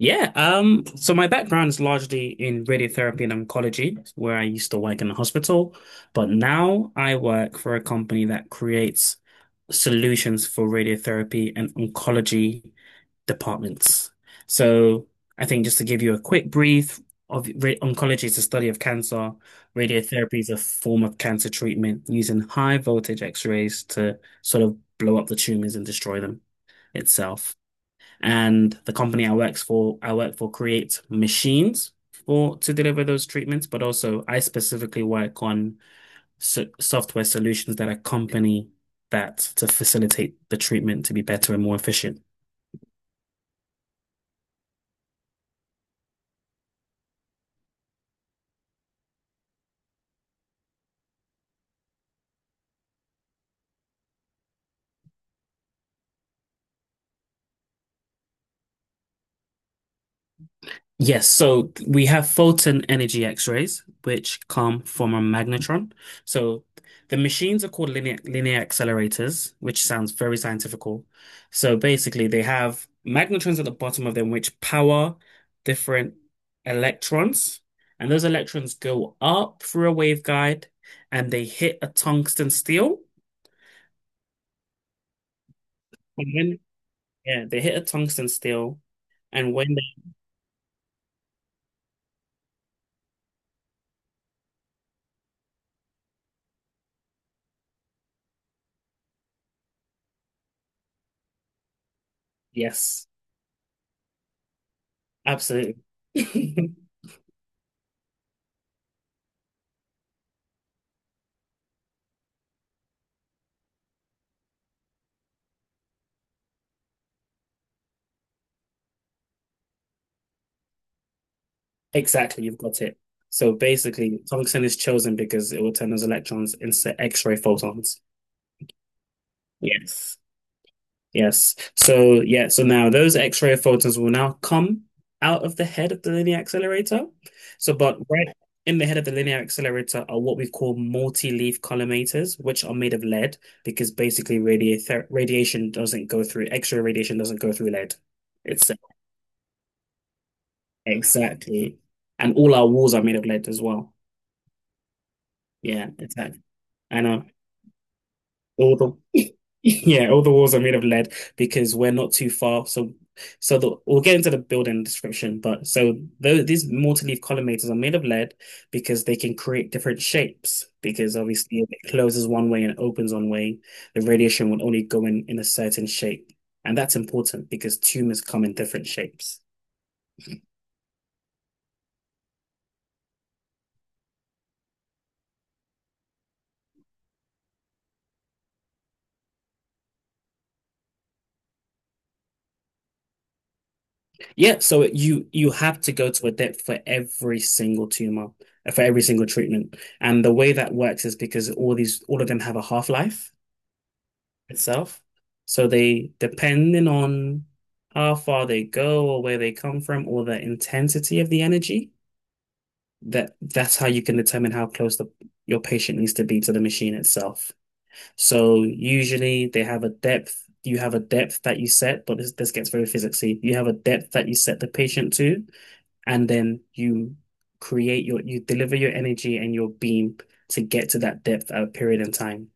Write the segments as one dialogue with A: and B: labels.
A: Yeah, so my background is largely in radiotherapy and oncology, where I used to work in a hospital, but now I work for a company that creates solutions for radiotherapy and oncology departments. So I think just to give you a quick brief of oncology is the study of cancer. Radiotherapy is a form of cancer treatment using high voltage X-rays to sort of blow up the tumors and destroy them itself. And the company I work for creates machines for to deliver those treatments, but also I specifically work on software solutions that accompany that to facilitate the treatment to be better and more efficient. Yes, so we have photon energy X-rays, which come from a magnetron. So the machines are called linear accelerators, which sounds very scientifical. So basically, they have magnetrons at the bottom of them, which power different electrons, and those electrons go up through a waveguide, and they hit a tungsten steel. And when yeah, they hit a tungsten steel, and when they yes, absolutely. Exactly, you've got it. So basically, tungsten is chosen because it will turn those electrons into X-ray photons. Yes. Yes. So yeah, so now those X-ray photons will now come out of the head of the linear accelerator. So but right in the head of the linear accelerator are what we call multi-leaf collimators, which are made of lead because basically radiator radiation doesn't go through X-ray radiation doesn't go through lead. It's exactly. And all our walls are made of lead as well. Yeah, exactly. I know. All the yeah, all the walls are made of lead because we're not too far. So, we'll get into the building description. But so these multi-leaf collimators are made of lead because they can create different shapes. Because obviously, if it closes one way and opens one way, the radiation will only go in a certain shape. And that's important because tumors come in different shapes. Yeah, so you have to go to a depth for every single tumor, for every single treatment. And the way that works is because all of them have a half-life itself. So they, depending on how far they go or where they come from or the intensity of the energy, that's how you can determine how close the your patient needs to be to the machine itself. So usually they have a depth, you have a depth that you set, but this gets very physicsy. You have a depth that you set the patient to, and then you create your you deliver your energy and your beam to get to that depth at a period in time.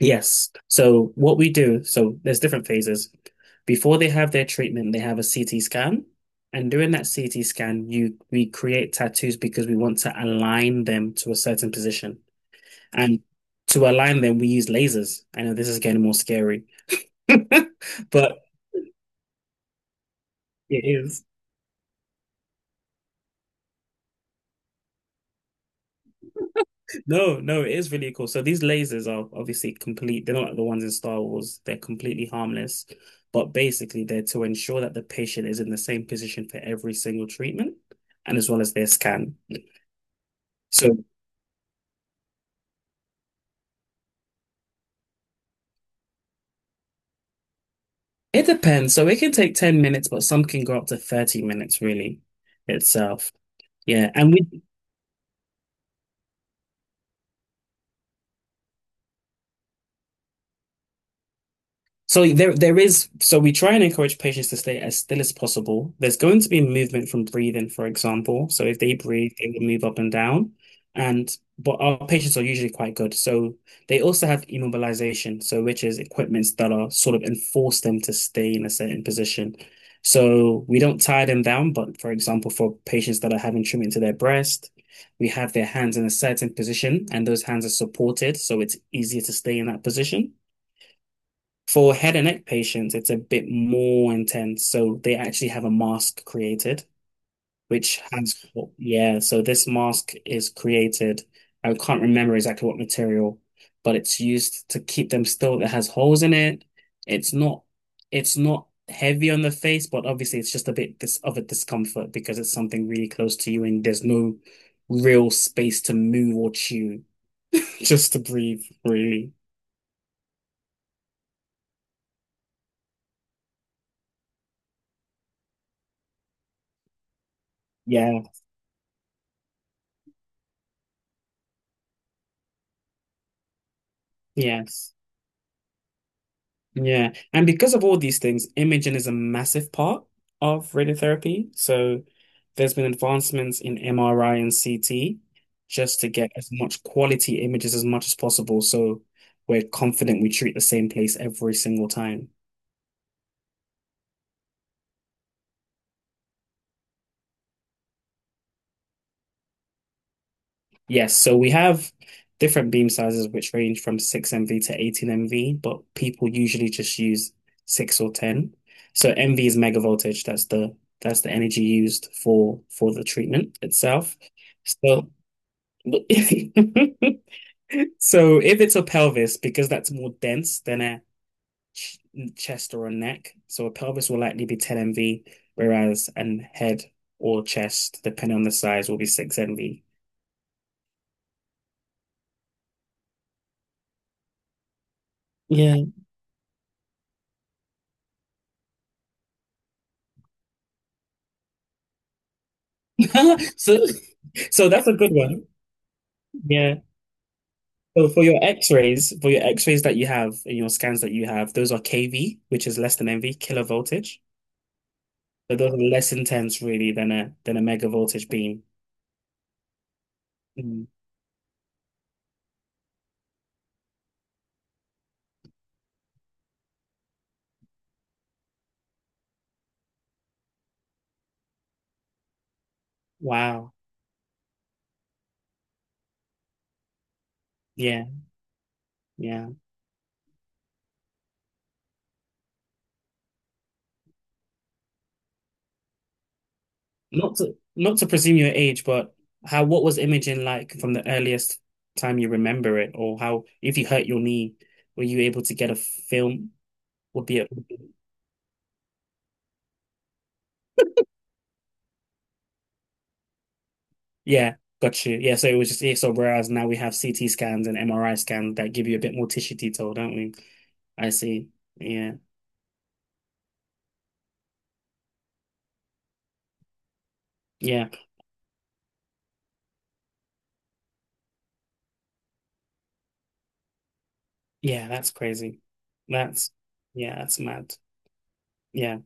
A: Yes. So what we do, so there's different phases. Before they have their treatment, they have a CT scan. And during that CT scan, you we create tattoos because we want to align them to a certain position. And to align them, we use lasers. I know this is getting more scary, but it is. No, no, it is really cool. So these lasers are obviously complete. They're not like the ones in Star Wars. They're completely harmless, but basically they're to ensure that the patient is in the same position for every single treatment and as well as their scan. So it depends. So it can take 10 minutes, but some can go up to 30 minutes really itself. Yeah. And we So there is so we try and encourage patients to stay as still as possible. There's going to be movement from breathing, for example. So if they breathe, they will move up and down. And but our patients are usually quite good. So they also have immobilization, so which is equipments that are sort of enforce them to stay in a certain position. So we don't tie them down, but for example, for patients that are having treatment to their breast, we have their hands in a certain position and those hands are supported, so it's easier to stay in that position. For head and neck patients, it's a bit more intense. So they actually have a mask created, which has, yeah. So this mask is created. I can't remember exactly what material, but it's used to keep them still. It has holes in it. It's not, it's not heavy on the face, but obviously it's just a bit dis of a discomfort because it's something really close to you and there's no real space to move or chew, just to breathe, really. Yeah. Yes. Yeah. And because of all these things, imaging is a massive part of radiotherapy. So there's been advancements in MRI and CT just to get as much quality images as much as possible. So we're confident we treat the same place every single time. Yes, so we have different beam sizes which range from 6 MV to 18 MV, but people usually just use 6 or 10. So MV is mega voltage, that's the energy used for the treatment itself. So so if it's a pelvis, because that's more dense than a ch chest or a neck, so a pelvis will likely be 10 MV, whereas an head or chest, depending on the size, will be 6 MV. Yeah. So So that's a good one. Yeah. So for your X-rays that you have and your scans that you have, those are kV, which is less than MV, kilo voltage. So those are less intense really than a mega voltage beam. Mm. Wow. Yeah, yeah. Not to presume your age, but how what was imaging like from the earliest time you remember it, or how if you hurt your knee, were you able to get a film? Would be a Yeah, got you. Yeah, so it was just ESO, whereas now we have CT scans and MRI scans that give you a bit more tissue detail, don't we? I see. Yeah, yeah, yeah, that's crazy. That's, yeah, that's mad. Yeah.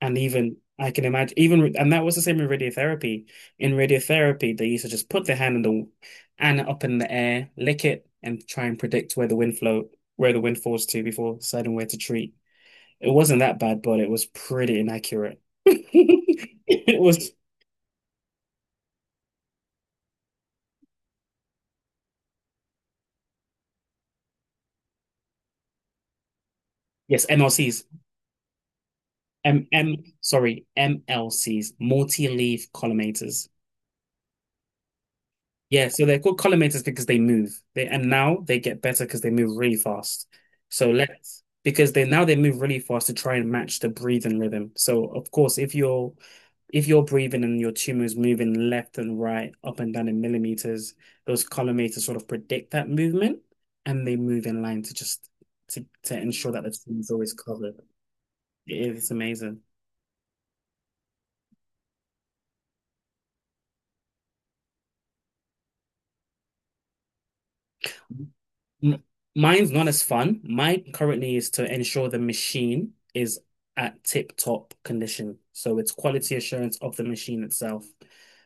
A: And even, I can imagine, even, and that was the same with radiotherapy. In radiotherapy, they used to just put their hand in the, and up in the air, lick it, and try and predict where the wind flow, where the wind falls to before deciding where to treat. It wasn't that bad, but it was pretty inaccurate. It was Yes, MLCs. M M sorry, MLCs, multi-leaf collimators. Yeah, so they're called collimators because they move. They and now they get better because they move really fast. So let's because they move really fast to try and match the breathing rhythm. So of course, if you're breathing and your tumor is moving left and right, up and down in millimeters, those collimators sort of predict that movement and they move in line to just to ensure that the tumor is always covered. It is amazing. M- Mine's not as fun. Mine currently is to ensure the machine is at tip-top condition. So it's quality assurance of the machine itself.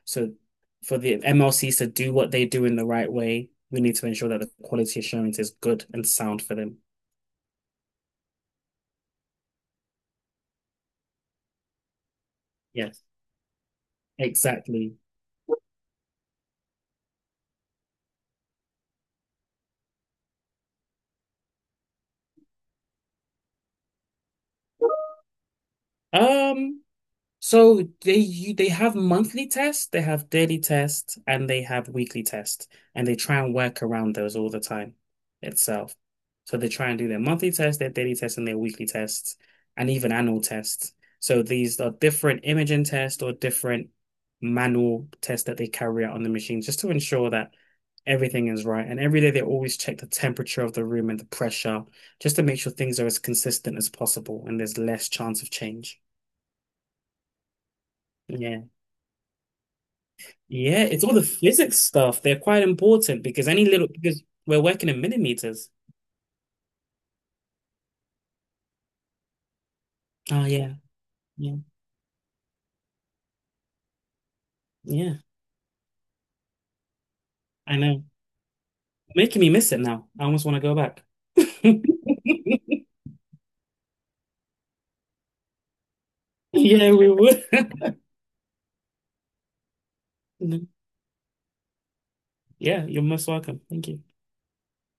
A: So for the MLCs to do what they do in the right way, we need to ensure that the quality assurance is good and sound for them. Yes, exactly. Um, so they have monthly tests, they have daily tests, and they have weekly tests, and they try and work around those all the time itself. So they try and do their monthly tests, their daily tests, and their weekly tests, and even annual tests. So these are different imaging tests or different manual tests that they carry out on the machine just to ensure that everything is right. And every day they always check the temperature of the room and the pressure just to make sure things are as consistent as possible and there's less chance of change. Yeah. Yeah, it's all the physics stuff. They're quite important because any little because we're working in millimeters. Oh yeah, yeah, yeah. I know. Making me miss it now. I almost want to go back. Yeah, we would. Yeah, you're most welcome. Thank you.